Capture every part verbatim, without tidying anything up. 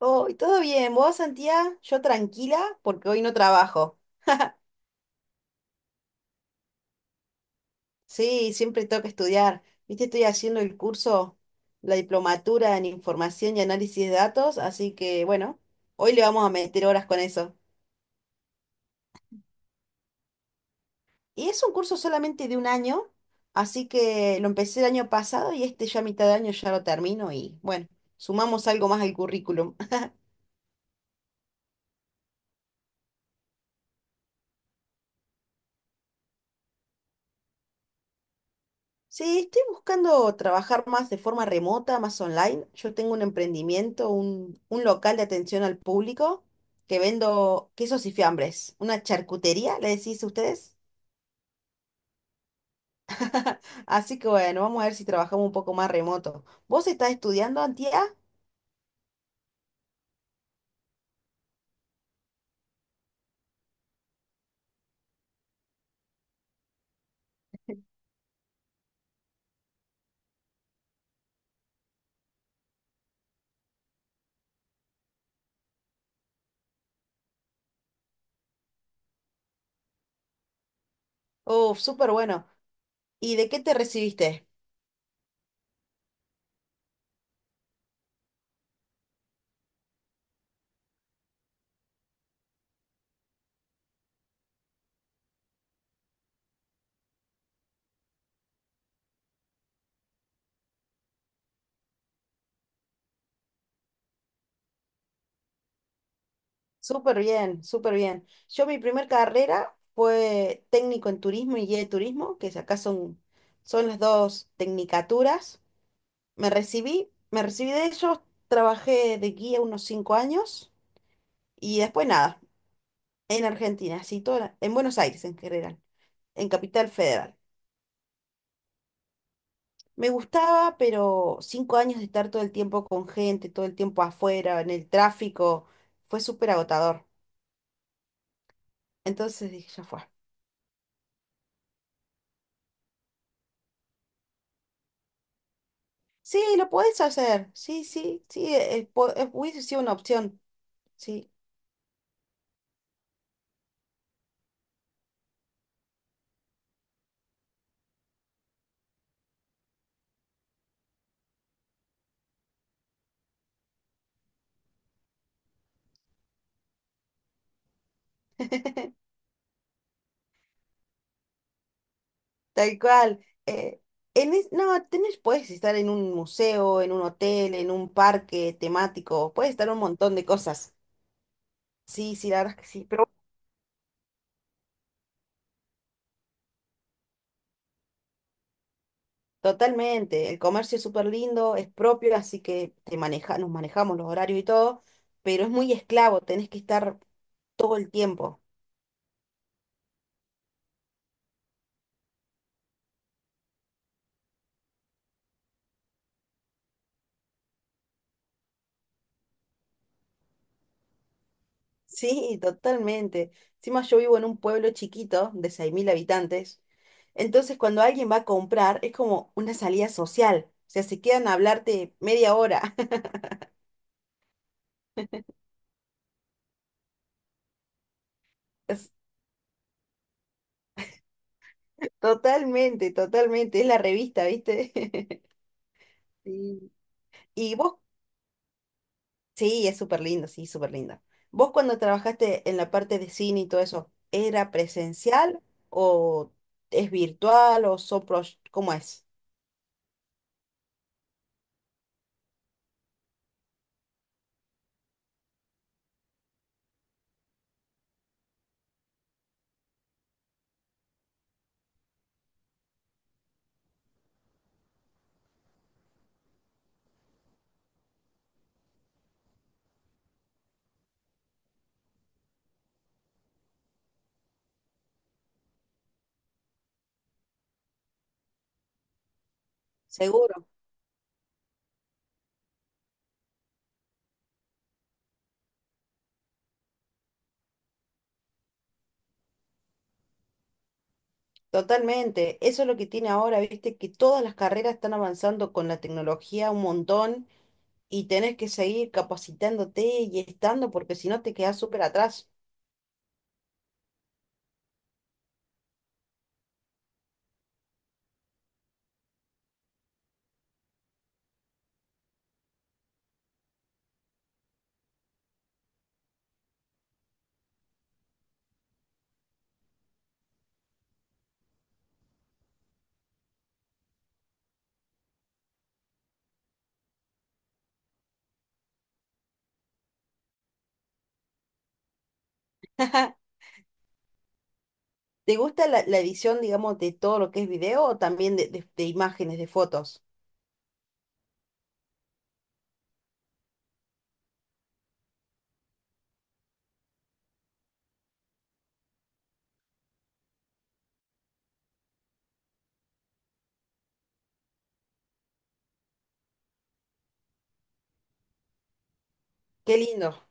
Hoy todo bien, ¿vos, Santiago? Yo tranquila porque hoy no trabajo. Sí, siempre tengo que estudiar. Viste, estoy haciendo el curso, la diplomatura en información y análisis de datos, así que bueno, hoy le vamos a meter horas con eso. Y es un curso solamente de un año, así que lo empecé el año pasado y este ya a mitad de año ya lo termino y bueno, sumamos algo más al currículum. Sí, estoy buscando trabajar más de forma remota, más online. Yo tengo un emprendimiento, un, un local de atención al público que vendo quesos y fiambres, una charcutería, le decís a ustedes. Así que bueno, vamos a ver si trabajamos un poco más remoto. ¿Vos estás estudiando, Antía? Oh, súper bueno. ¿Y de qué te recibiste? Súper bien, súper bien. Yo mi primer carrera fue técnico en turismo y guía de turismo, que acá son, son las dos tecnicaturas. Me recibí, me recibí de ellos, trabajé de guía unos cinco años y después nada, en Argentina, así toda la- en Buenos Aires en general, en Capital Federal. Me gustaba, pero cinco años de estar todo el tiempo con gente, todo el tiempo afuera, en el tráfico, fue súper agotador. Entonces dije, ya fue. Sí, lo podés hacer, sí, sí, sí, eh, po- eh, hubiese sido una opción, sí. Tal cual. eh, en es- no, tenés, puedes estar en un museo, en un hotel, en un parque temático, puedes estar un montón de cosas. Sí, sí, la verdad es que sí, pero totalmente. El comercio es súper lindo, es propio, así que te maneja, nos manejamos los horarios y todo, pero es muy esclavo, tenés que estar todo el tiempo. Sí, totalmente. Encima yo vivo en un pueblo chiquito de seis mil habitantes. Entonces cuando alguien va a comprar es como una salida social. O sea, se quedan a hablarte media hora. Es- Totalmente, totalmente. Es la revista, ¿viste? Sí. Y vos, sí, es súper lindo, sí, súper lindo. Vos cuando trabajaste en la parte de cine y todo eso, ¿era presencial o es virtual o son pro- ¿Cómo es? Seguro. Totalmente, eso es lo que tiene ahora, viste, que todas las carreras están avanzando con la tecnología un montón y tenés que seguir capacitándote y estando porque si no te quedás súper atrás. ¿Te gusta la, la edición, digamos, de todo lo que es video o también de, de- de imágenes, de fotos? Qué lindo.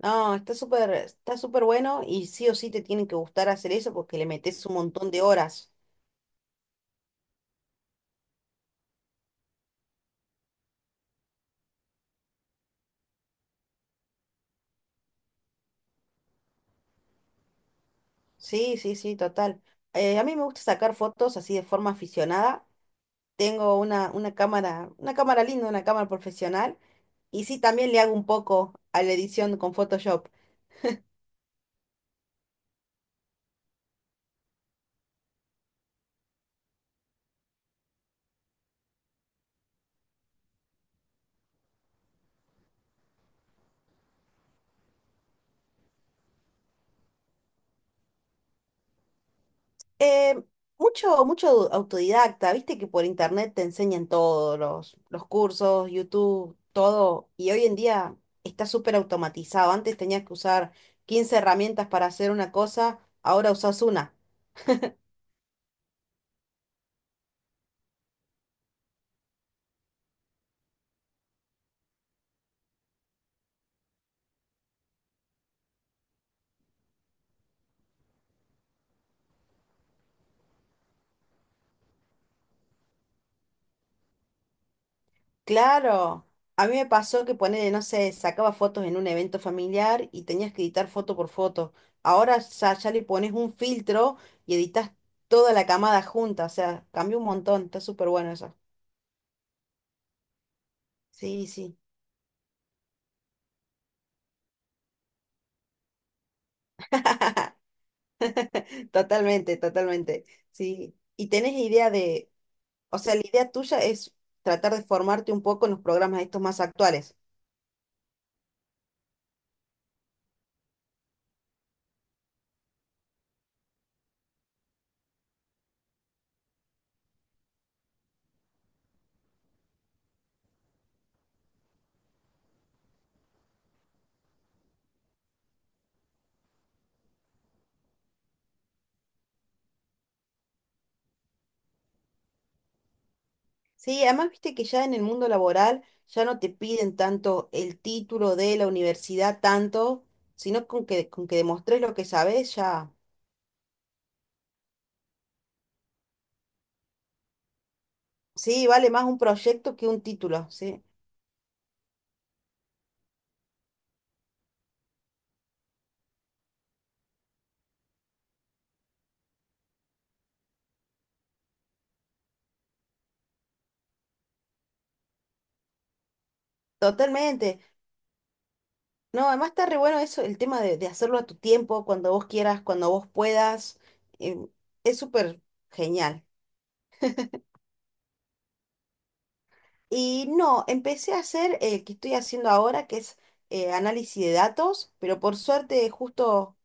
No, está súper, está súper bueno y sí o sí te tienen que gustar hacer eso porque le metes un montón de horas. Sí, sí, sí, total. Eh, a mí me gusta sacar fotos así de forma aficionada tengo una, una cámara, una cámara linda, una cámara profesional, y sí, también le hago un poco a la edición con Photoshop. Eh, mucho, mucho au- autodidacta, viste que por internet te enseñan todos los, los cursos, YouTube, todo, y hoy en día está súper automatizado. Antes tenías que usar quince herramientas para hacer una cosa, ahora usas una. Claro, a mí me pasó que ponele, no sé, sacaba fotos en un evento familiar y tenías que editar foto por foto. Ahora ya, ya le pones un filtro y editas toda la camada junta, o sea, cambió un montón, está súper bueno eso. Sí, sí, totalmente, totalmente, sí. ¿Y tenés idea de, o sea, la idea tuya es tratar de formarte un poco en los programas estos más actuales? Sí, además viste que ya en el mundo laboral ya no te piden tanto el título de la universidad tanto, sino con que con que demostres lo que sabes ya. Sí, vale más un proyecto que un título, sí. Totalmente. No, además está re bueno eso, el tema de, de hacerlo a tu tiempo, cuando vos quieras, cuando vos puedas. eh, es súper genial. Y no, empecé a hacer el que estoy haciendo ahora, que es eh, análisis de datos, pero por suerte justo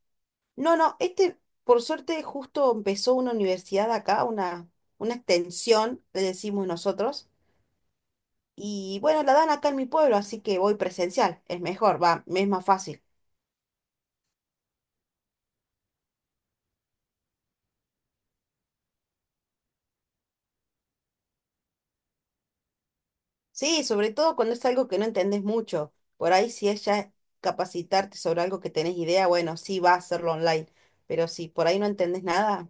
No, no, este por suerte justo empezó una universidad acá, una, una extensión, le decimos nosotros, y bueno, la dan acá en mi pueblo, así que voy presencial, es mejor, va, me es más fácil. Sí, sobre todo cuando es algo que no entendés mucho, por ahí si es ya capacitarte sobre algo que tenés idea, bueno, sí va a hacerlo online, pero si por ahí no entendés nada,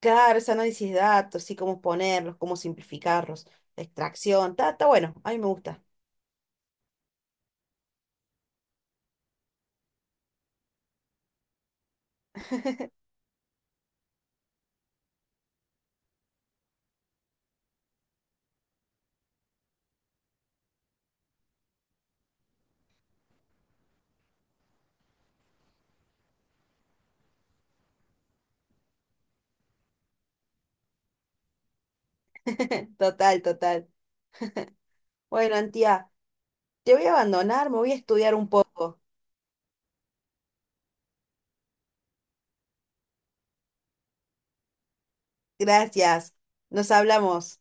claro, es análisis de datos, sí, cómo ponerlos, cómo simplificarlos, extracción, está, está bueno, a mí me gusta, total, total. Bueno, Antía. Te voy a abandonar, me voy a estudiar un poco. Gracias. Nos hablamos.